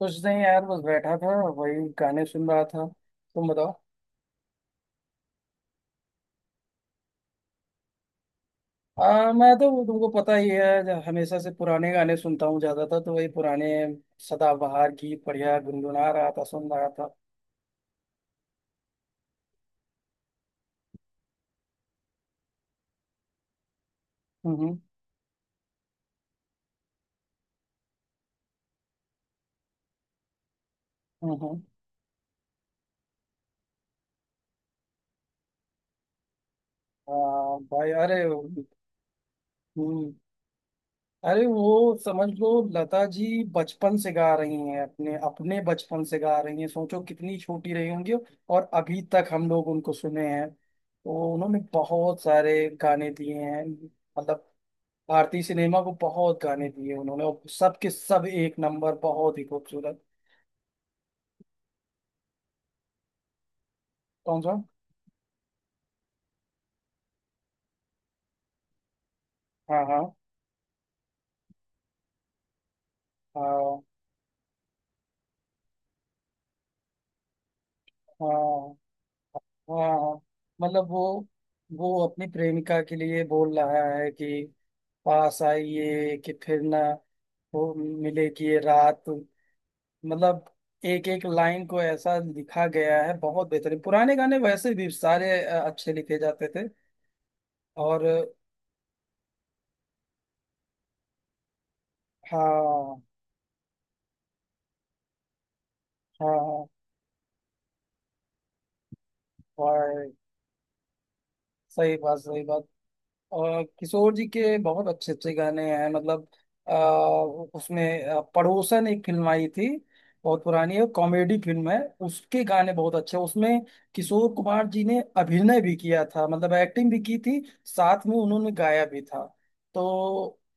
कुछ नहीं यार, बस बैठा था, वही गाने सुन रहा था। तुम बताओ। मैं तो, तुमको पता ही है, हमेशा से पुराने गाने सुनता हूँ। ज्यादातर तो वही पुराने सदाबहार गीत बढ़िया गुनगुना रहा था, सुन रहा था। हम्म हम्म। भाई, अरे। हम्म, अरे वो समझ लो, लता जी बचपन से गा रही हैं, अपने अपने बचपन से गा रही हैं। सोचो कितनी छोटी रही होंगी, और अभी तक हम लोग उनको सुने हैं। तो उन्होंने बहुत सारे गाने दिए हैं, मतलब भारतीय सिनेमा को बहुत गाने दिए उन्होंने, और सबके सब एक नंबर, बहुत ही खूबसूरत। कौन सा? हाँ, हाँ। हाँ हाँ हाँ। मतलब वो अपनी प्रेमिका के लिए बोल रहा है कि पास आइए, कि फिर ना वो मिले, कि ये रात, मतलब एक एक लाइन को ऐसा लिखा गया है, बहुत बेहतरीन। पुराने गाने वैसे भी सारे अच्छे लिखे जाते थे। और हाँ, हाँ, हाँ, सही बात, सही बात। और किशोर जी के बहुत अच्छे अच्छे गाने हैं। मतलब अ, उसमें पड़ोसन एक फिल्म आई थी, बहुत पुरानी है, कॉमेडी फिल्म है। उसके गाने बहुत अच्छे हैं उसमें। किशोर कुमार जी ने अभिनय भी किया था, मतलब एक्टिंग भी की थी, साथ में उन्होंने गाया भी था। तो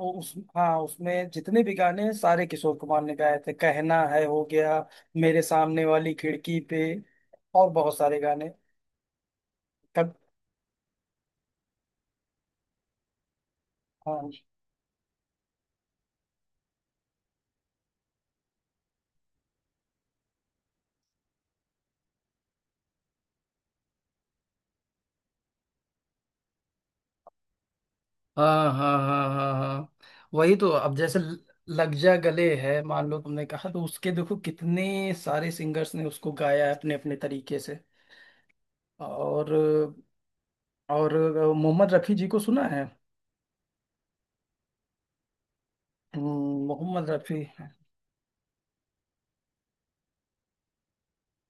वो उस हाँ, उसमें जितने भी गाने हैं, सारे किशोर कुमार ने गाए थे। कहना है, हो गया, मेरे सामने वाली खिड़की पे, और बहुत सारे गाने। कब? हाँ हाँ हाँ हाँ हाँ हाँ वही तो। अब जैसे लग जा गले है, मान लो तुमने कहा, तो उसके देखो कितने सारे सिंगर्स ने उसको गाया है, अपने अपने तरीके से। और और मोहम्मद रफ़ी जी को सुना है? मोहम्मद रफ़ी।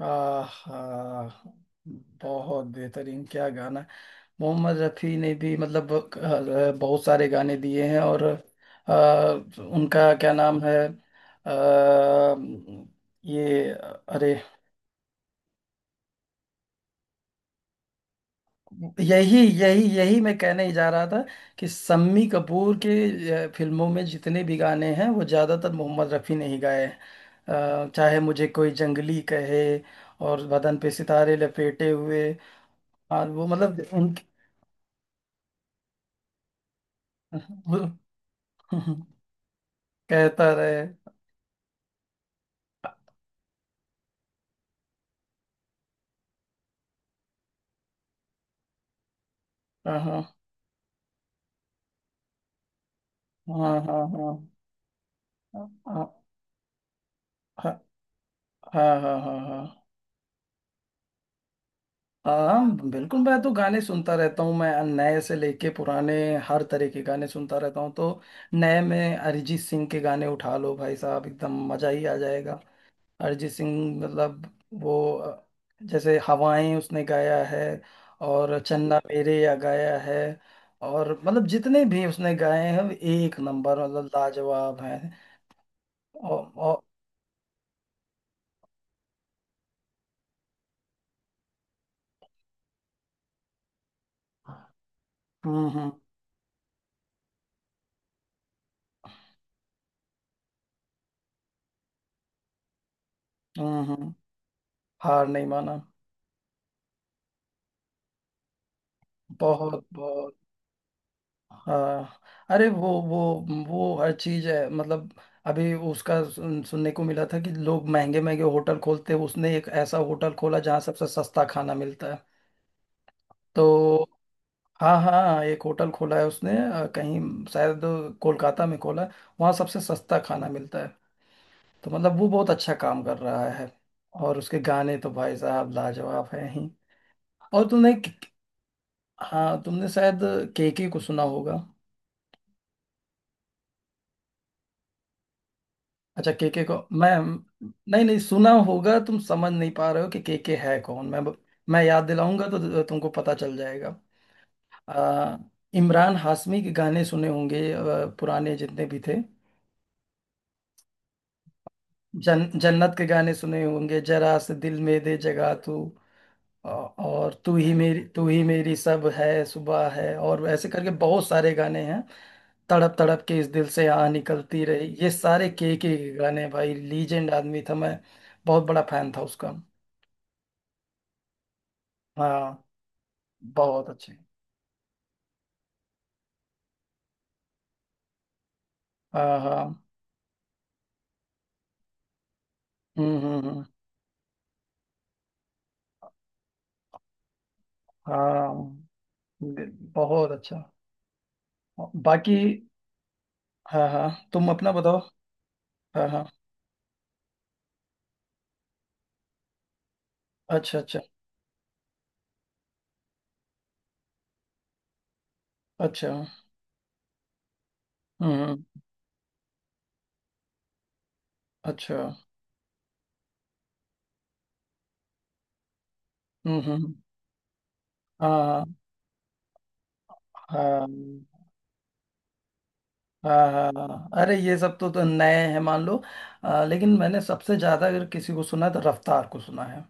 आहा, बहुत बेहतरीन, क्या गाना है। मोहम्मद रफ़ी ने भी मतलब बहुत सारे गाने दिए हैं। और उनका क्या नाम है, अ, ये अरे, यही यही यही मैं कहने ही जा रहा था, कि सम्मी कपूर के फिल्मों में जितने भी गाने हैं, वो ज़्यादातर मोहम्मद रफ़ी ने ही गाए हैं। चाहे मुझे कोई जंगली कहे, और बदन पे सितारे लपेटे हुए, और वो मतलब उनके वो कहता रहे। हाँ, हाँ, हाँ, हाँ। हाँ हाँ हाँ हाँ हाँ हाँ हाँ, बिल्कुल, मैं तो गाने सुनता रहता हूँ। मैं नए से लेके पुराने, हर तरह के गाने सुनता रहता हूँ। तो नए में अरिजीत सिंह के गाने उठा लो भाई साहब, एकदम मजा ही आ जाएगा। अरिजीत सिंह, मतलब वो जैसे हवाएं उसने गाया है, और चन्ना मेरे या गाया है, और मतलब जितने भी उसने गाए हैं, एक नंबर, मतलब लाजवाब हैं। और। हम्म हम्म हम्म हम्म, हार नहीं माना, बहुत बहुत। हाँ, अरे वो वो हर चीज है। मतलब अभी उसका सुनने को मिला था कि लोग महंगे महंगे होटल खोलते हैं, उसने एक ऐसा होटल खोला जहाँ सबसे सस्ता खाना मिलता है। तो हाँ, हाँ, एक होटल खोला है उसने, कहीं शायद कोलकाता में खोला है, वहाँ सबसे सस्ता खाना मिलता है। तो मतलब वो बहुत अच्छा काम कर रहा है, और उसके गाने तो भाई साहब लाजवाब हैं ही। और तुमने, हाँ तुमने शायद केके को सुना होगा। अच्छा, केके को मैं, नहीं नहीं सुना होगा, तुम समझ नहीं पा रहे हो कि केके है कौन। मैं याद दिलाऊंगा तो तुमको पता चल जाएगा। आ, इमरान हाशमी के गाने सुने होंगे, पुराने जितने भी थे। जन्नत के गाने सुने होंगे, जरा से दिल में दे जगह तू, और तू ही मेरी, तू ही मेरी, सब है, सुबह है, और ऐसे करके बहुत सारे गाने हैं। तड़प तड़प के इस दिल से आ निकलती रही, ये सारे केके के गाने हैं भाई। लीजेंड आदमी था, मैं बहुत बड़ा फैन था उसका। हाँ, बहुत अच्छे। हाँ, हाँ। हम्म हम्म हम्म, हाँ, बहुत अच्छा। बाकी, हाँ हाँ, तुम अपना बताओ। हाँ, हाँ। अच्छा, अच्छा। अच्छा, हम्म। अच्छा। हम्म हम्म, हाँ हाँ हाँ हाँ हाँ। हाँ। हाँ, अरे, ये सब तो नए हैं, मान लो। लेकिन मैंने सबसे ज्यादा अगर किसी को सुना है, तो रफ्तार को सुना है।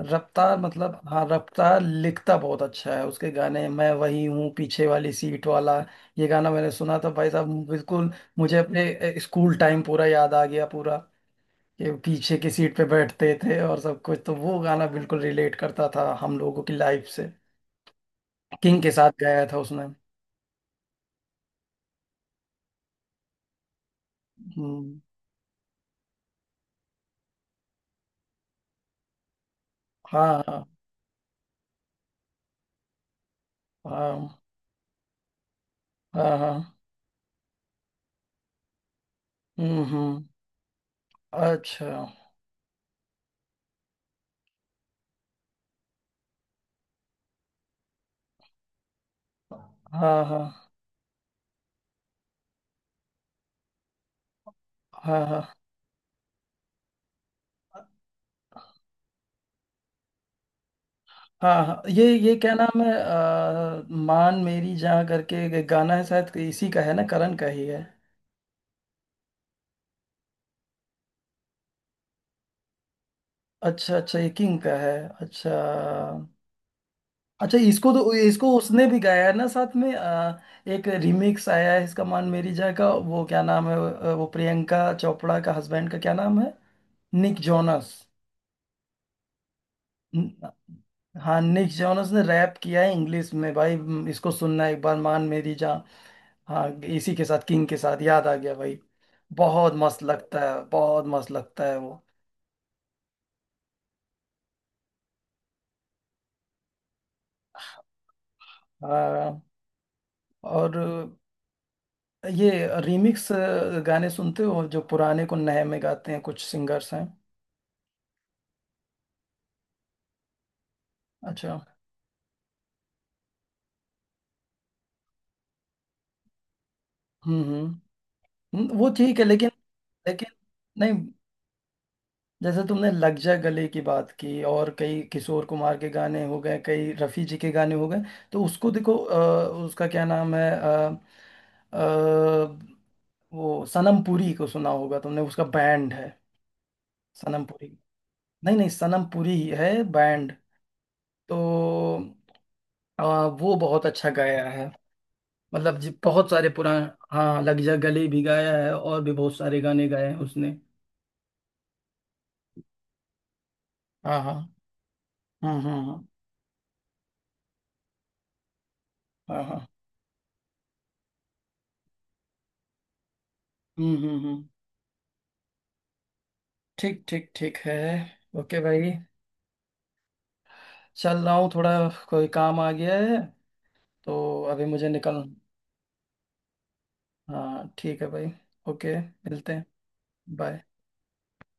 रफ्तार, मतलब हाँ, रफ्तार लिखता बहुत अच्छा है। उसके गाने मैं वही हूँ पीछे वाली सीट वाला, ये गाना मैंने सुना था भाई साहब, बिल्कुल मुझे अपने स्कूल टाइम पूरा याद आ गया, पूरा कि पीछे की सीट पे बैठते थे और सब कुछ। तो वो गाना बिल्कुल रिलेट करता था हम लोगों की लाइफ से। किंग के साथ गाया था उसने। हम्म। हाँ हाँ हाँ, हाँ, हाँ। हम्म, हम्म, अच्छा। हाँ हाँ हाँ हाँ हाँ हाँ ये क्या नाम है, मान मेरी जहाँ करके एक गाना है, शायद इसी का है ना, करण का ही है? अच्छा, अच्छा, ये किंग का है। अच्छा, अच्छा, इसको तो इसको उसने भी गाया है ना साथ में, एक रिमिक्स आया है इसका, मान मेरी जहाँ का, वो क्या नाम है, वो प्रियंका चोपड़ा का हस्बैंड का क्या नाम है, निक जोनस। न- हाँ, निक जोनस ने रैप किया है इंग्लिश में भाई, इसको सुनना एक बार, मान मेरी जहाँ। हाँ, इसी के साथ, किंग के साथ, याद आ गया भाई। बहुत मस्त लगता है, बहुत मस्त लगता है वो। हाँ, और ये रीमिक्स गाने सुनते हो, जो पुराने को नए में गाते हैं, कुछ सिंगर्स हैं। अच्छा। हम्म हम्म वो ठीक है, लेकिन, लेकिन नहीं, जैसे तुमने लग जा गले की बात की, और कई किशोर कुमार के गाने हो गए, कई रफ़ी जी के गाने हो गए, तो उसको देखो, उसका क्या नाम है, अ, वो सनम पुरी को सुना होगा तुमने, उसका बैंड है, सनम पुरी। नहीं नहीं सनम पुरी ही है बैंड। तो अ, वो बहुत अच्छा गाया है, मतलब जी बहुत सारे पुराने। हाँ, लग जा गले भी गाया है, और भी बहुत सारे गाने गाए हैं उसने। हाँ, हाँ, हम्म। हाँ, हाँ, हम्म। ठीक, ठीक, ठीक है, ओके भाई। चल रहा हूँ थोड़ा, कोई काम आ गया है, तो अभी मुझे निकल, हाँ, ठीक है भाई, ओके, मिलते हैं, बाय।